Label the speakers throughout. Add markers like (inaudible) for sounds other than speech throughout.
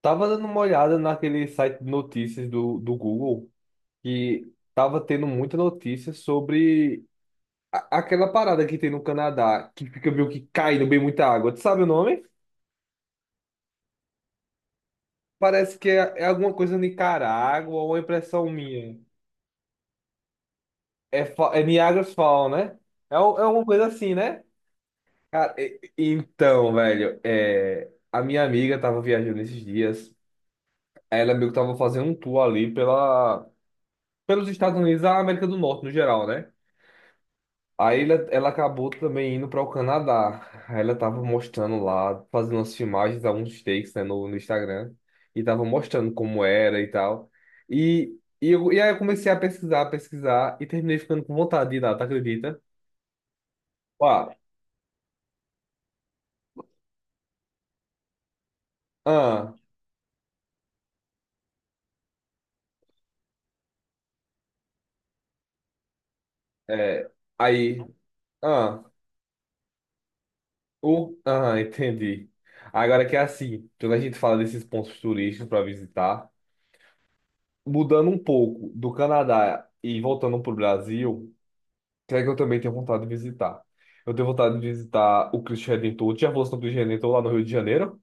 Speaker 1: Tava dando uma olhada naquele site de notícias do Google que tava tendo muita notícia sobre aquela parada que tem no Canadá, que fica meio que caindo bem muita água. Tu sabe o nome? Parece que é alguma coisa Nicarágua ou uma impressão minha. É, é Niagara's Fall, né? É, é uma coisa assim, né? Cara, e- então, a minha amiga tava viajando esses dias. Ela meio que tava fazendo um tour ali pela, pelos Estados Unidos, e a América do Norte no geral, né? Aí ela acabou também indo para o Canadá. Aí ela tava mostrando lá, fazendo as filmagens, alguns takes, né, no Instagram. E tava mostrando como era e tal. E aí eu comecei a pesquisar e terminei ficando com vontade de ir lá, tu acredita? Ó, ah, é, aí, ah, o, ah, (laughs) entendi. Agora que é assim, quando a gente fala desses pontos turísticos para visitar, mudando um pouco do Canadá e voltando para o Brasil. Que é que eu também tenho vontade de visitar. Eu tenho vontade de visitar o Cristo Redentor. Tu já fosse no Cristo Redentor lá no Rio de Janeiro?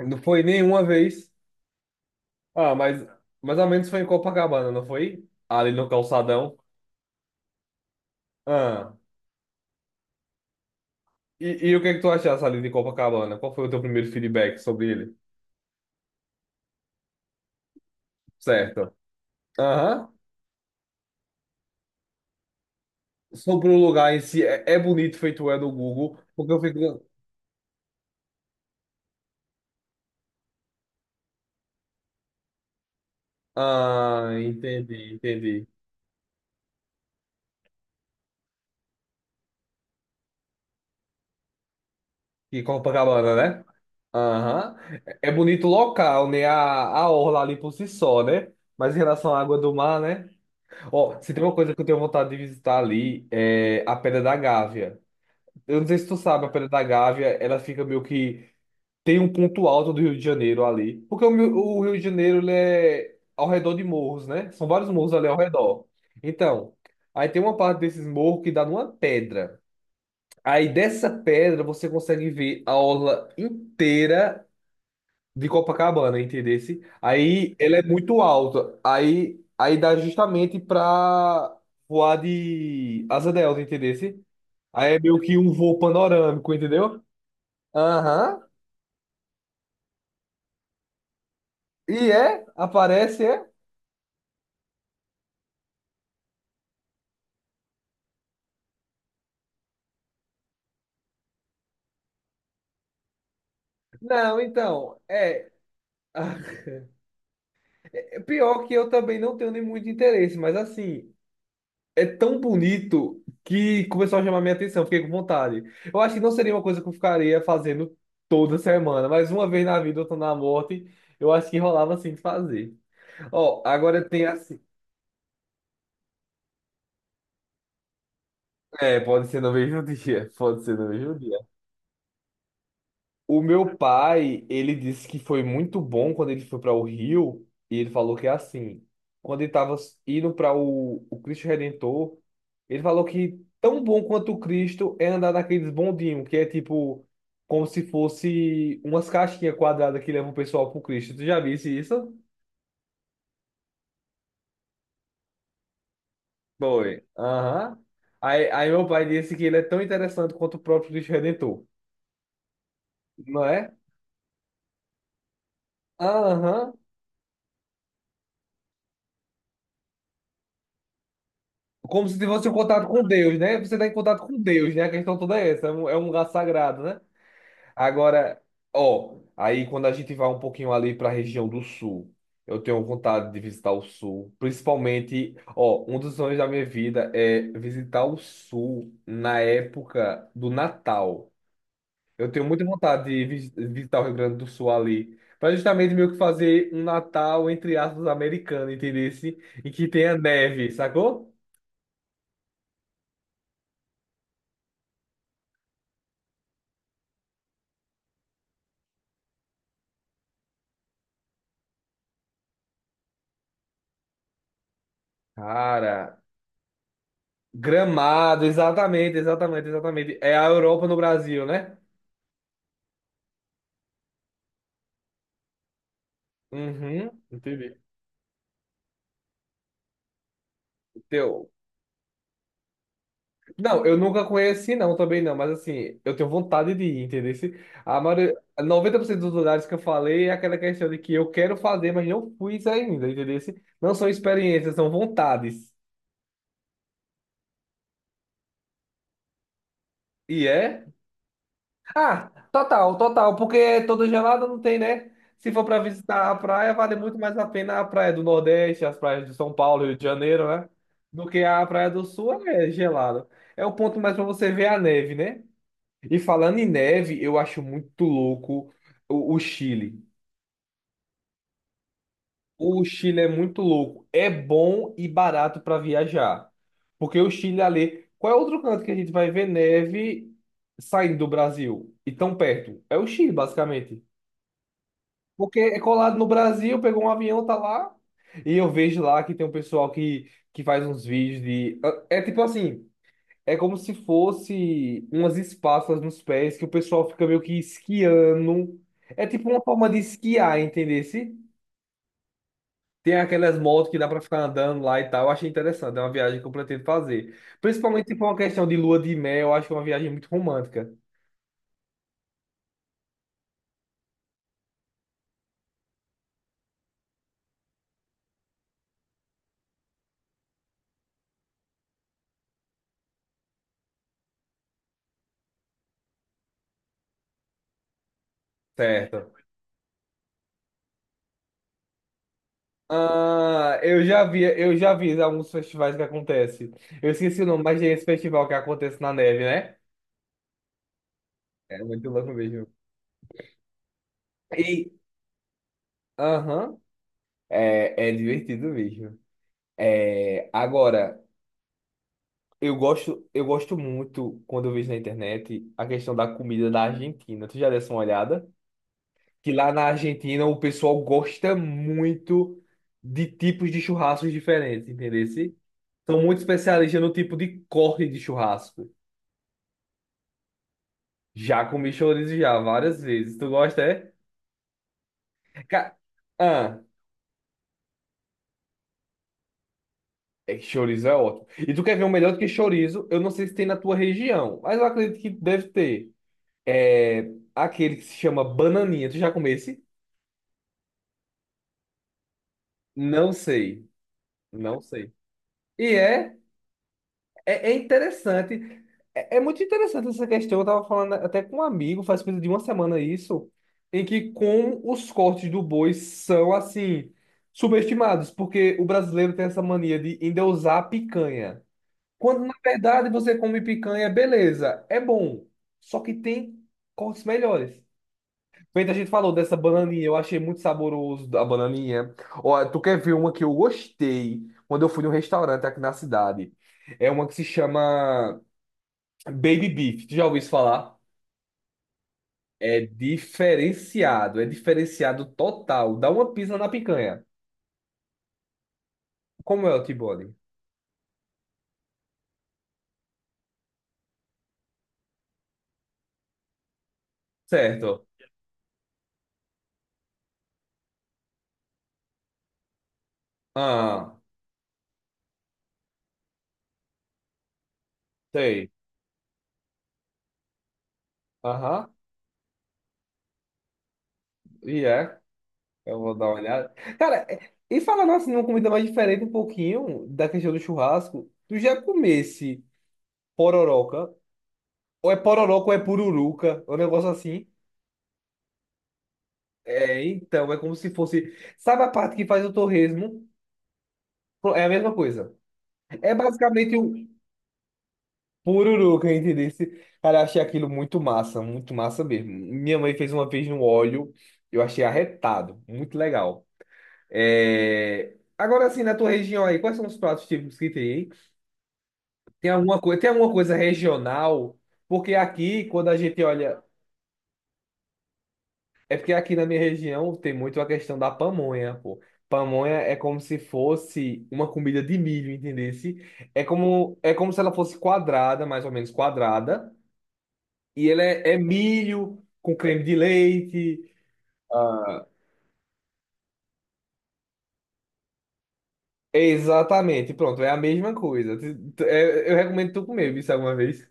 Speaker 1: Não foi nenhuma vez. Ah, mas mais ou menos foi em Copacabana, não foi? Ali no calçadão. Ah. E o que é que tu achaste ali de Copacabana? Qual foi o teu primeiro feedback sobre ele? Certo. Aham. Sobre o lugar em si, é bonito feito é do Google, porque eu fico. Ah, entendi, entendi. E Copacabana, né? Aham. É é bonito o local, né? A orla ali por si só, né? Mas em relação à água do mar, né? Ó, se tem uma coisa que eu tenho vontade de visitar ali, é a Pedra da Gávea. Eu não sei se tu sabe, a Pedra da Gávea, ela fica meio que... Tem um ponto alto do Rio de Janeiro ali. Porque o Rio de Janeiro, ele é ao redor de morros, né? São vários morros ali ao redor. Então, aí tem uma parte desses morros que dá numa pedra. Aí dessa pedra você consegue ver a orla inteira de Copacabana, entendesse? Aí ela é muito alta. Aí dá justamente pra voar de asa delta, entendesse? Aí é meio que um voo panorâmico, entendeu? Aham. E é? Aparece, é? Não, então, é. (laughs) É pior que eu também não tenho nem muito interesse, mas assim, é tão bonito que começou a chamar minha atenção, fiquei com vontade. Eu acho que não seria uma coisa que eu ficaria fazendo toda semana, mas uma vez na vida, outra na morte, eu acho que rolava assim de fazer. Ó, agora tem assim. É, pode ser no mesmo (laughs) dia, pode ser no mesmo dia. O meu pai, ele disse que foi muito bom quando ele foi para o Rio, e ele falou que é assim, quando ele estava indo para o Cristo Redentor, ele falou que tão bom quanto o Cristo é andar naqueles bondinhos, que é tipo, como se fosse umas caixinhas quadradas que levam o pessoal pro Cristo. Tu já visse isso? Foi. Aham. Aí meu pai disse que ele é tão interessante quanto o próprio Cristo Redentor, não é? Aham. Como se fosse um contato com Deus, né? Você está em contato com Deus, né? A questão toda é essa. É um lugar sagrado, né? Agora, ó, aí quando a gente vai um pouquinho ali para a região do sul, eu tenho vontade de visitar o sul. Principalmente, ó, um dos sonhos da minha vida é visitar o sul na época do Natal. Eu tenho muita vontade de visitar o Rio Grande do Sul ali. Para justamente meio que fazer um Natal, entre aspas, americano, entendesse? Em que tenha neve, sacou? Cara. Gramado, exatamente, exatamente, exatamente. É a Europa no Brasil, né? Uhum, entendi. Teu. Não, eu nunca conheci, não, também não, mas assim, eu tenho vontade de ir, entendeu? A maioria, 90% dos lugares que eu falei é aquela questão de que eu quero fazer, mas não fui ainda, entendeu? Não são experiências, são vontades. E é? Ah, total, total, porque toda gelada não tem, né? Se for para visitar a praia, vale muito mais a pena a praia do Nordeste, as praias de São Paulo, Rio de Janeiro, né? Do que a praia do Sul é gelado. É o ponto mais para você ver a neve, né? E falando em neve, eu acho muito louco o Chile. O Chile é muito louco. É bom e barato para viajar. Porque o Chile ali. Qual é outro canto que a gente vai ver neve saindo do Brasil e tão perto? É o Chile, basicamente. Porque é colado no Brasil, pegou um avião, tá lá. E eu vejo lá que tem um pessoal que faz uns vídeos de. É tipo assim, é como se fosse umas espátulas nos pés que o pessoal fica meio que esquiando. É tipo uma forma de esquiar, entendesse? Tem aquelas motos que dá pra ficar andando lá e tal. Eu achei interessante, é uma viagem que eu pretendo fazer. Principalmente se for uma questão de lua de mel, eu acho que é uma viagem muito romântica. Certo. Ah, eu já vi alguns festivais que acontecem. Eu esqueci o nome, mas é esse festival que acontece na neve, né? É muito louco mesmo. E, aham, é divertido mesmo. É, agora, eu gosto muito quando eu vejo na internet a questão da comida da Argentina. Tu já deu uma olhada? Que lá na Argentina o pessoal gosta muito de tipos de churrascos diferentes, entendeu? São muito especialistas no tipo de corte de churrasco. Já comi chorizo já, várias vezes. Tu gosta, é? Ca- Ah, é que chorizo é ótimo. E tu quer ver um melhor do que chorizo? Eu não sei se tem na tua região, mas eu acredito que deve ter. É aquele que se chama bananinha. Tu já comeu esse? Não sei. Não sei. E é? É, é interessante. É, é muito interessante essa questão. Eu estava falando até com um amigo, faz coisa de uma semana isso, em que como os cortes do boi são, assim, subestimados, porque o brasileiro tem essa mania de endeusar a picanha. Quando, na verdade, você come picanha, beleza, é bom. Só que tem cortes melhores. Feito, a gente falou dessa bananinha, eu achei muito saboroso a bananinha. Ó, tu quer ver uma que eu gostei quando eu fui num restaurante aqui na cidade? É uma que se chama Baby Beef. Tu já ouviu isso falar? É diferenciado total. Dá uma pisa na picanha. Como é o T-bone? Certo. Ah, sei. Aham. E é. Eu vou dar uma olhada. Cara, e falando assim, uma comida mais diferente um pouquinho da questão do churrasco, tu já comesse pororoca? Ou é pororoca ou é pururuca, é um negócio assim. É, então, é como se fosse. Sabe a parte que faz o torresmo? É a mesma coisa. É basicamente um pururuca, entendeu? Cara, eu achei aquilo muito massa mesmo. Minha mãe fez uma vez no óleo, eu achei arretado, muito legal. É... Agora, assim, na tua região aí, quais são os pratos típicos que tem, hein? Tem alguma coisa regional? Porque aqui, quando a gente olha. É porque aqui na minha região tem muito a questão da pamonha, pô. Pamonha é como se fosse uma comida de milho, entendesse? É como se ela fosse quadrada, mais ou menos quadrada, e ela é milho com creme de leite. Ah, exatamente, pronto, é a mesma coisa. Eu recomendo tu comer isso alguma vez.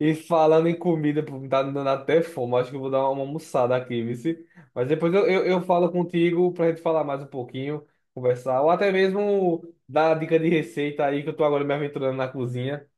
Speaker 1: E falando em comida, pô, tá me dando até fome. Acho que eu vou dar uma almoçada aqui, vice. Mas depois eu falo contigo pra gente falar mais um pouquinho, conversar, ou até mesmo dar dica de receita aí, que eu tô agora me aventurando na cozinha.